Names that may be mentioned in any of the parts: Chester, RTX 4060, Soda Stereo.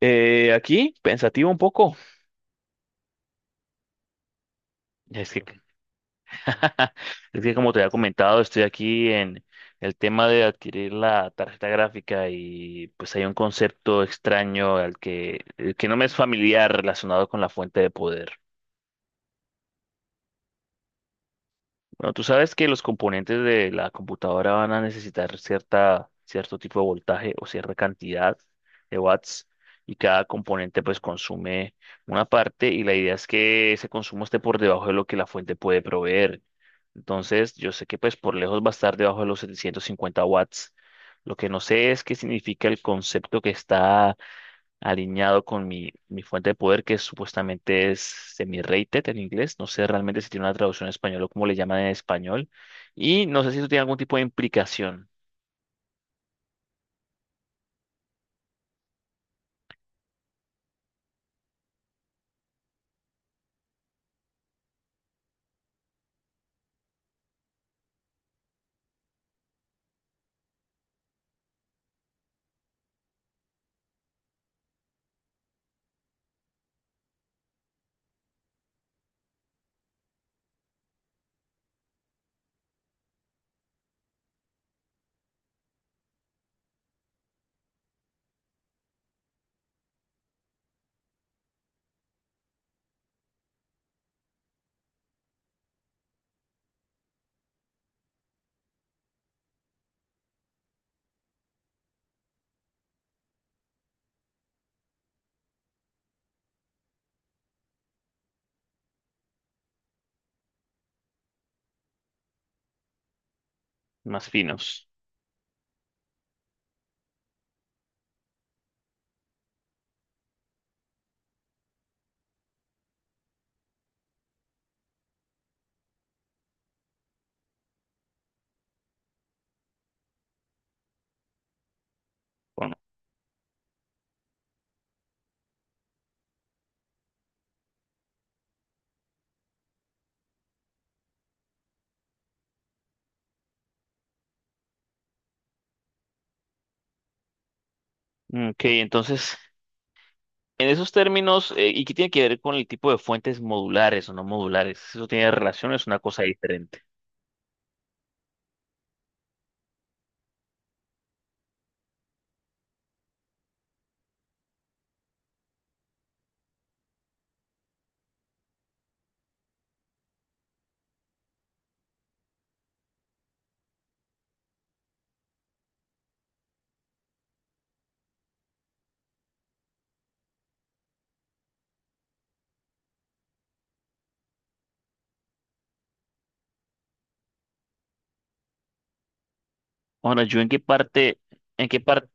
Aquí, pensativo un poco. Es que, es que como te había comentado, estoy aquí en el tema de adquirir la tarjeta gráfica y pues hay un concepto extraño al que, el que no me es familiar relacionado con la fuente de poder. Bueno, tú sabes que los componentes de la computadora van a necesitar cierta, cierto tipo de voltaje o cierta cantidad de watts y cada componente pues consume una parte y la idea es que ese consumo esté por debajo de lo que la fuente puede proveer. Entonces, yo sé que pues por lejos va a estar debajo de los 750 watts. Lo que no sé es qué significa el concepto que está alineado con mi fuente de poder, que supuestamente es semi-rated en inglés. No sé realmente si tiene una traducción en español o cómo le llaman en español. Y no sé si eso tiene algún tipo de implicación más finos. Bueno, ok, entonces, en esos términos, ¿y qué tiene que ver con el tipo de fuentes modulares o no modulares? ¿Eso tiene relación o es una cosa diferente? Bueno, yo en qué parte... ¿En qué parte?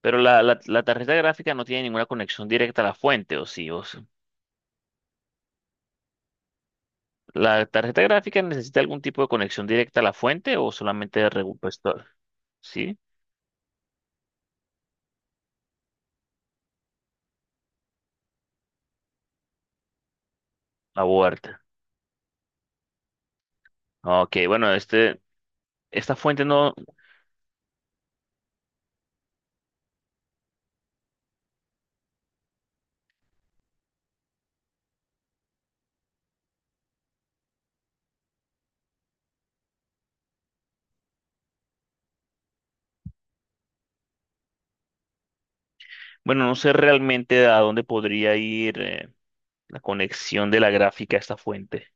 Pero la tarjeta gráfica no tiene ninguna conexión directa a la fuente, ¿o sí? ¿O, ¿la tarjeta gráfica necesita algún tipo de conexión directa a la fuente o solamente de repuestor? ¿Sí? Aborta. Ok, bueno, este, esta fuente no, bueno, no sé realmente a dónde podría ir la conexión de la gráfica a esta fuente.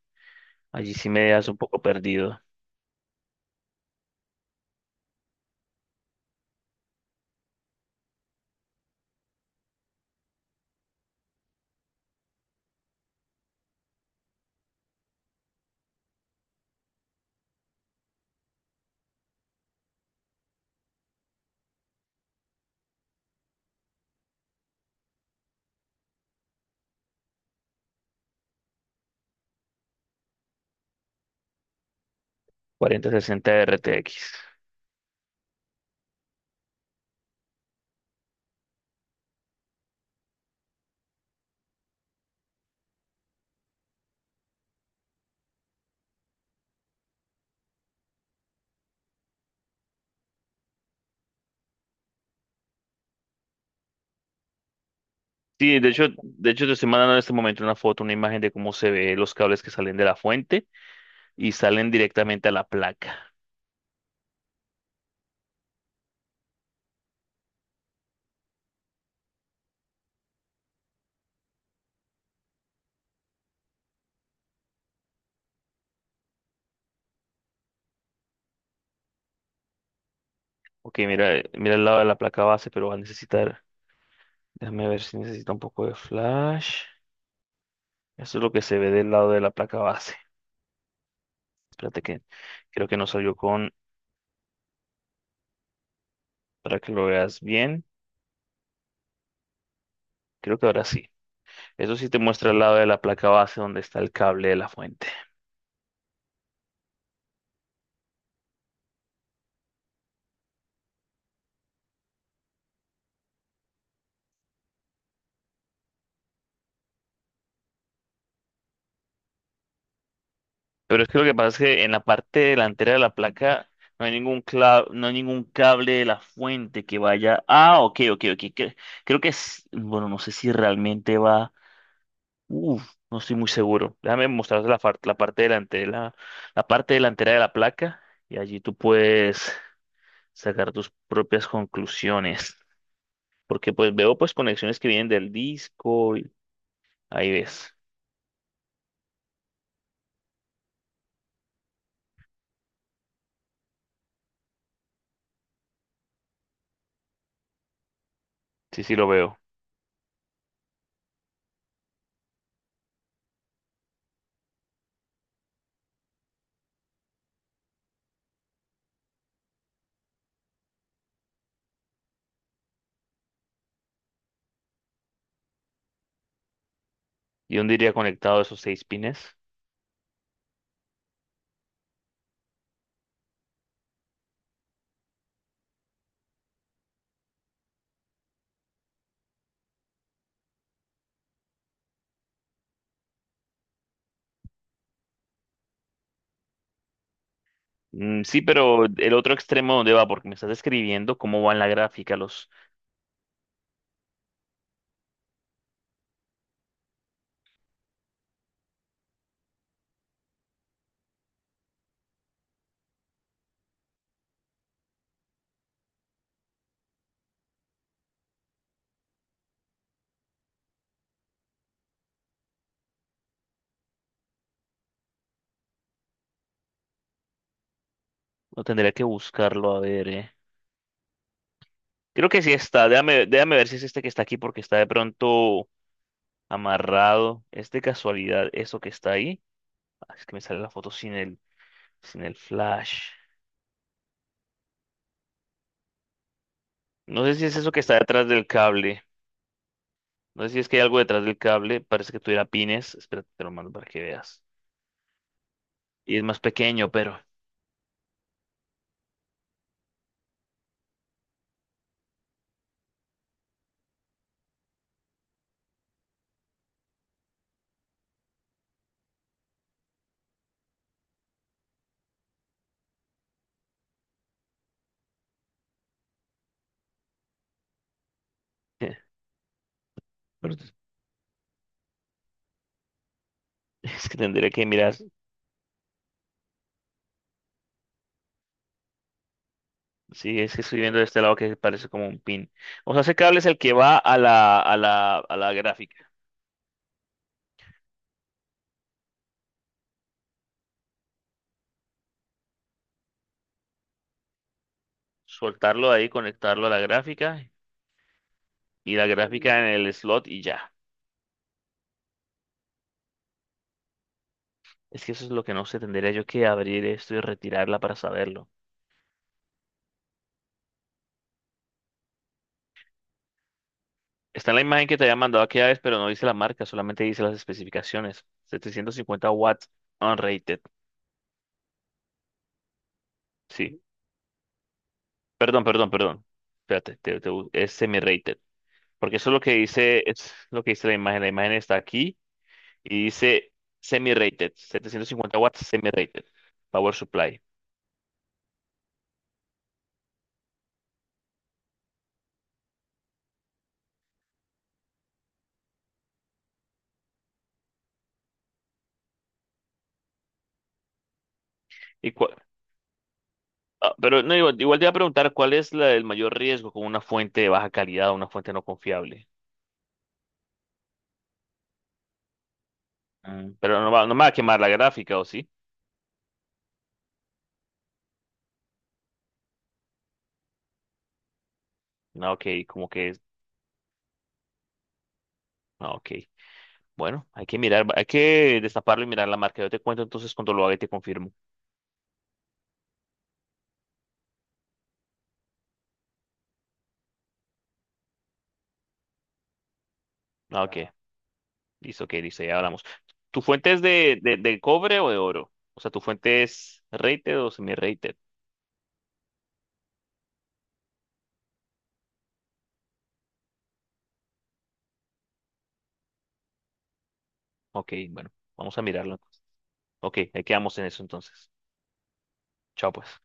Allí sí me dejas un poco perdido. 4060 RTX. Sí, de hecho te estoy mandando en este momento una foto, una imagen de cómo se ve los cables que salen de la fuente y salen directamente a la placa. Ok, mira, mira el lado de la placa base, pero va a necesitar déjame ver si necesita un poco de flash. Eso es lo que se ve del lado de la placa base. Espérate que creo que no salió con para que lo veas bien. Creo que ahora sí. Eso sí te muestra el lado de la placa base donde está el cable de la fuente. Pero es que lo que pasa es que en la parte delantera de la placa no hay no hay ningún cable de la fuente que vaya. Ah, ok, ok, ok. Creo que es, bueno, no sé si realmente va. Uf, no estoy muy seguro. Déjame mostrarte la parte delantera, la parte delantera de la placa y allí tú puedes sacar tus propias conclusiones. Porque pues veo pues conexiones que vienen del disco y ahí ves. Sí, sí lo veo. ¿Y dónde iría conectado esos 6 pines? Mm, sí, pero el otro extremo dónde va, porque me estás describiendo cómo va en la gráfica los. No tendría que buscarlo a ver, eh. Creo que sí está. Déjame, déjame ver si es este que está aquí porque está de pronto amarrado. ¿Es de casualidad eso que está ahí? Ah, es que me sale la foto sin el flash. No sé si es eso que está detrás del cable. No sé si es que hay algo detrás del cable. Parece que tuviera pines. Espérate, te lo mando para que veas. Y es más pequeño, pero... pero es que tendría que mirar. Sí, es que estoy viendo de este lado que parece como un pin. O sea, ese cable es el que va a la gráfica. Soltarlo ahí, conectarlo a la gráfica y la gráfica en el slot y ya. Es que eso es lo que no sé, tendría yo que abrir esto y retirarla para saberlo. Está en la imagen que te había mandado aquella vez, pero no dice la marca, solamente dice las especificaciones. 750 watts unrated. Sí. Perdón, perdón, perdón. Espérate, es semi-rated. Porque eso es lo que dice, es lo que dice la imagen. La imagen está aquí y dice semi-rated. 750 watts semi-rated. Power supply. Y cua- pero no, igual, igual te iba a preguntar cuál es el mayor riesgo con una fuente de baja calidad o una fuente no confiable. Mm, pero no va, no me va a quemar la gráfica, ¿o sí? No, ok, como que no, ok. Bueno, hay que mirar, hay que destaparlo y mirar la marca. Yo te cuento entonces cuando lo haga y te confirmo. Ah, ok. Claro. Listo, ok, listo, ya hablamos. ¿Tu fuente es de cobre o de oro? O sea, ¿tu fuente es rated o semi-rated? Ok, bueno, vamos a mirarlo entonces. Ok, ahí quedamos en eso entonces. Chao, pues.